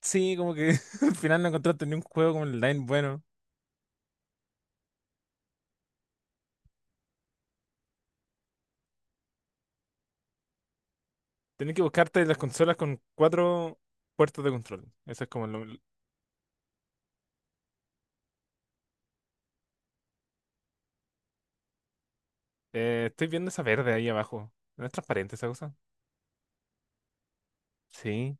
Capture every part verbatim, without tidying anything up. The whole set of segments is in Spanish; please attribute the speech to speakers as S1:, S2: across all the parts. S1: Sí, como que al final no encontraste ni un juego como online bueno. Tenés que buscarte las consolas con cuatro puertos de control. Eso es como lo... eh, Estoy viendo esa verde ahí abajo. ¿No es transparente esa cosa? Sí.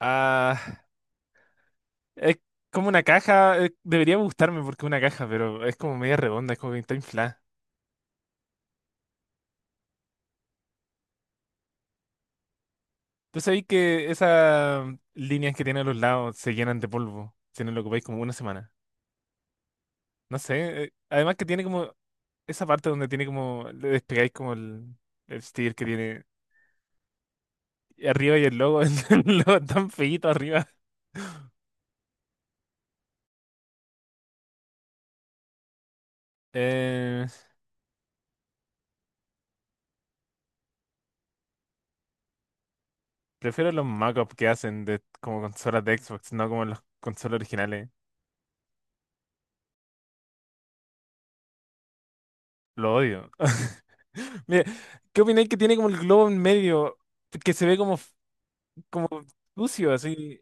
S1: Ah, es como una caja. Eh, debería gustarme porque es una caja, pero es como media redonda, es como que está inflada. ¿Tú sabés que esas mm, líneas que tiene a los lados se llenan de polvo si no lo ocupáis como una semana? No sé. Eh, además que tiene como esa parte donde tiene como... Le despegáis como el... El sticker que tiene arriba y el logo, el logo tan feíto arriba. Eh, Prefiero los mockups que hacen de como consolas de Xbox, no como los consolas originales. Lo odio. Mira, ¿qué opináis que tiene como el globo en medio? Que se ve como, como sucio, así.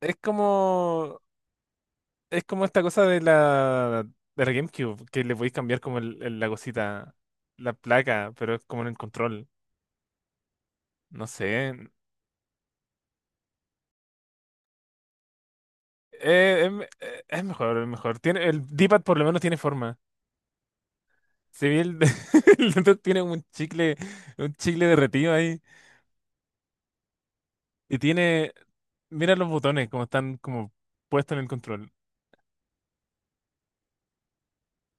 S1: Es como. Es como esta cosa de la. De la GameCube, que le podéis cambiar como el- el- la cosita, la placa, pero es como en el control. No sé. Eh, em- eh, es mejor, es mejor. Tiene, el D-pad por lo menos tiene forma. Se ve el, el dentro tiene un chicle, un chicle derretido ahí y tiene, mira los botones como están como puestos en el control.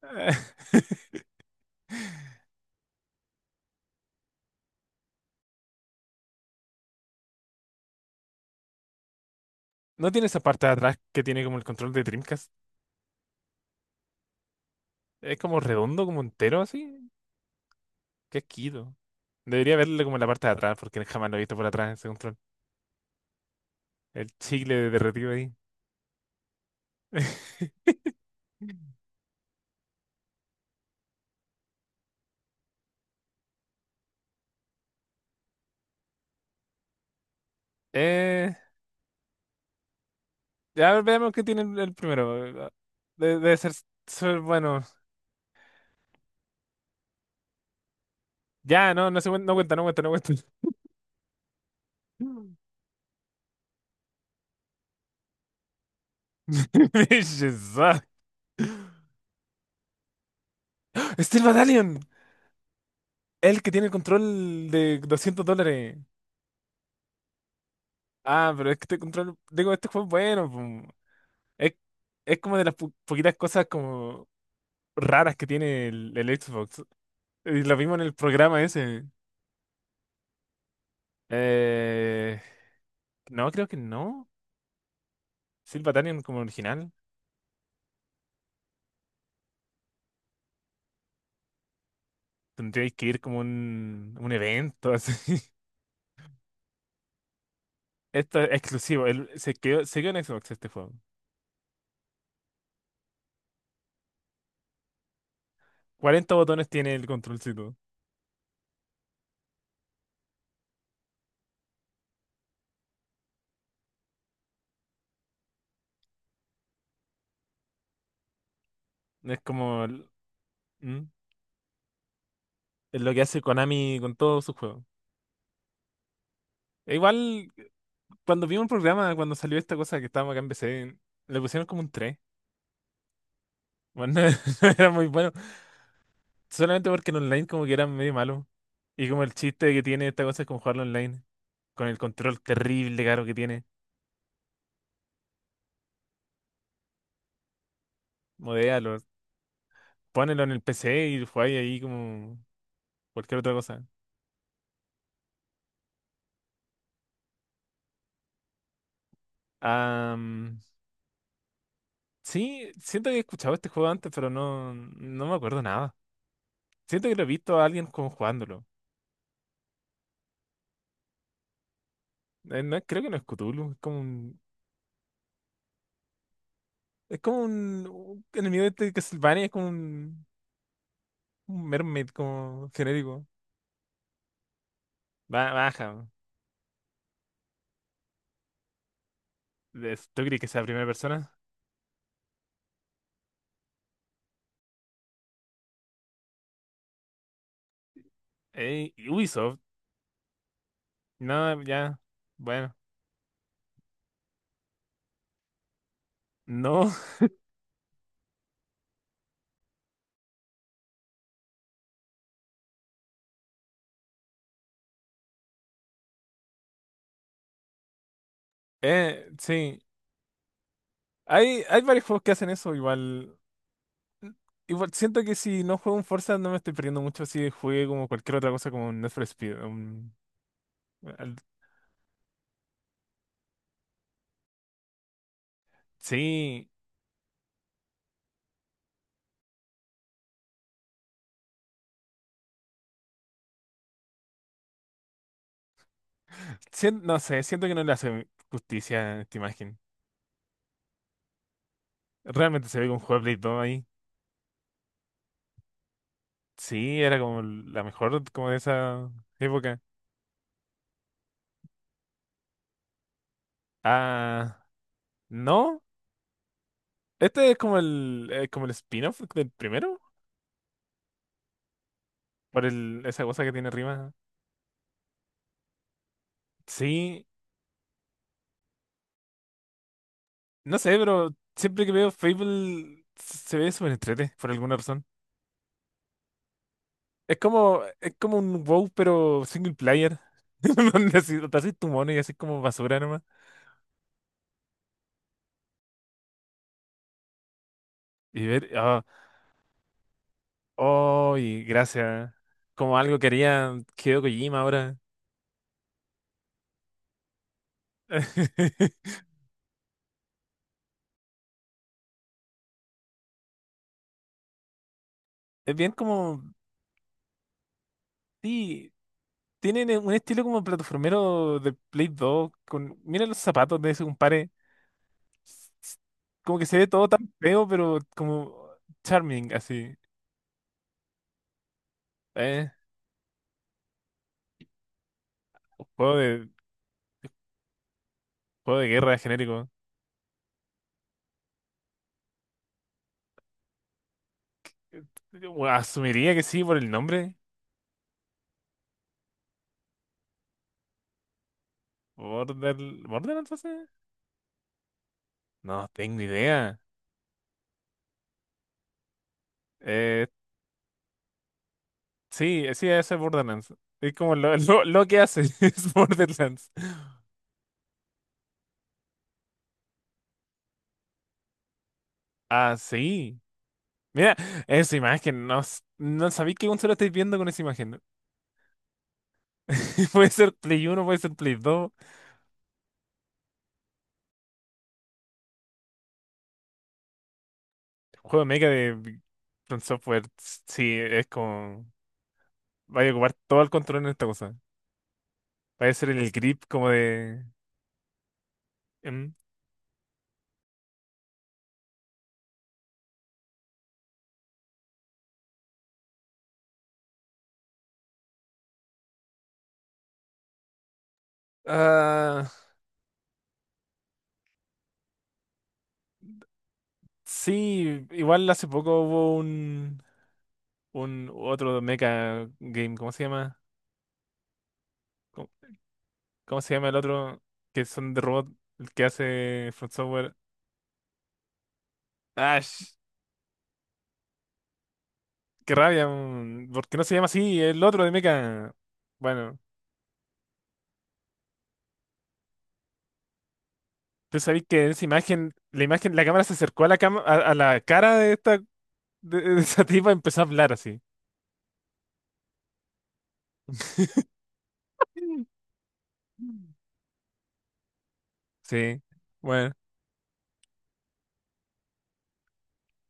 S1: ¿No tiene esa parte de atrás que tiene como el control de Dreamcast? Es como redondo, como entero así. Qué esquido. Debería verle como la parte de atrás porque jamás lo he visto por atrás ese control. El chicle de derretido ahí. Eh, ya veamos qué tiene el el primero. De- Debe ser, ser bueno. Ya, no, no se cuen- no cuenta, no cuenta, no cuenta. Shazam. Steel Battalion, el que tiene el control de doscientos dólares. Ah, pero es que este control, digo, este juego es bueno. Pum. Es, es como de las po- poquitas cosas como raras que tiene el, el Xbox. Y lo vimos en el programa ese. Eh, no, creo que no. Steel Battalion como original. Tendríais que ir como un, un evento así. Esto es exclusivo. El- se quedó, se quedó en Xbox este juego. Cuarenta botones tiene el controlcito. Es como... ¿Mm? Es lo que hace Konami con todos sus juegos. E igual, cuando vimos el programa, cuando salió esta cosa que estábamos acá en P C, le pusieron como un tres. Bueno, no era muy bueno. Solamente porque en online como que era medio malo. Y como el chiste que tiene esta cosa es como jugarlo online. Con el control terrible caro que tiene. Modéalo. Ponelo en el P C y jugáis ahí como cualquier otra cosa. Am, sí, siento que he escuchado este juego antes, pero no, no me acuerdo nada. Siento que lo he visto a alguien como jugándolo. Eh, no, creo que no es Cthulhu, es como un, es como un, un enemigo de este de Castlevania, es como un, un mermaid como genérico. Ba- Baja. Es- ¿Tú crees que sea primera persona? Eh, Ubisoft. No, ya. Bueno. No. Eh, sí. Hay, hay varios juegos que hacen eso igual. Igual siento que si no juego un Forza no me estoy perdiendo mucho si juegue como cualquier otra cosa como un Need for Speed. un- al- sí. Sien- no sé, siento que no le hace justicia a esta imagen. Realmente se ve con juego todo ahí. Sí, era como la mejor como de esa época. Ah, no. Este es como el eh, como el spin-off del primero por el, esa cosa que tiene arriba. Sí, no sé, pero siempre que veo Fable se ve súper entrete por alguna razón. Es como es como un WoW pero single player. Donde así, te haces tu mono y así como basura nomás. Y ver, ah, oh, y gracias. Como algo que haría Hideo Kojima ahora. Es bien como. Sí, tienen eh, un estilo como plataformero de Play dos. Con, mira los zapatos de ese compadre. s- s- Como que se ve todo tan feo, pero como charming, así. Eh, Juego de, juego de guerra genérico. Yo asumiría que sí por el nombre. Border, ¿Borderlands hace? No tengo idea. Eh, sí, sí, ese es Borderlands. Es como lo, lo, lo que hace, es Borderlands. Ah, sí. Mira, esa imagen, no, s- no sabía qué consola estáis viendo con esa imagen. Puede ser Play uno, puede ser Play dos. Juego mega de From Software, sí, es como. Vaya a ocupar todo el control en esta cosa. Va a ser el grip como de. em, Ah, sí, igual hace poco hubo un, un otro mecha game, ¿cómo se llama? ¿Cómo, cómo se llama el otro? Que son de robot, el que hace From Software. Ash. Qué rabia, mm, porque no se llama así el otro de Mecha. Bueno, tú sabés que esa imagen, la imagen, la cámara se acercó a la cama, a, a la cara de esta, de, de esa tipa y empezó a hablar así. Sí, bueno,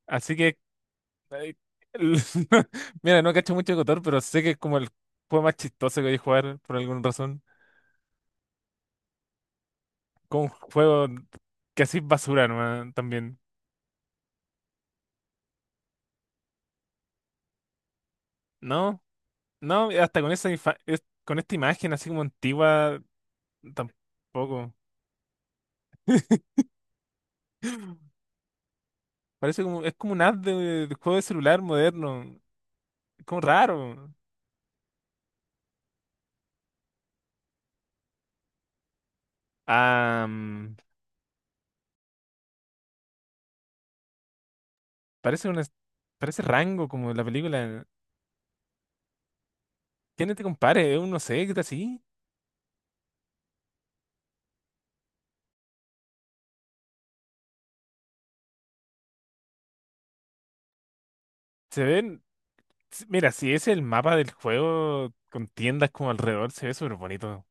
S1: así que, eh, el- mira, no cacho mucho de Cotor, pero sé que es como el juego más chistoso que voy a jugar por alguna razón. Como un juego que así es basura nomás también. No, no, hasta con esa infa- es- con esta imagen así como antigua, tampoco. Parece como, es como un ad de, de juego de celular moderno. Es como raro. Ah, mm, Parece una, parece Rango como la película. ¿Quién te compare? Es un no sé, ¿qué tal así? Se ven, s- mira, si es el mapa del juego con tiendas como alrededor, se ve súper bonito.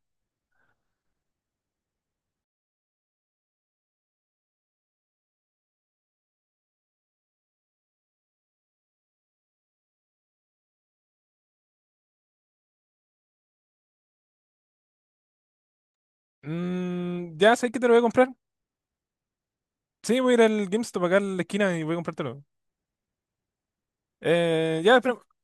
S1: Mm, ya sé que te lo voy a comprar. Sí, voy a ir al GameStop acá en la esquina y voy a comprártelo. Eh, ya, espera,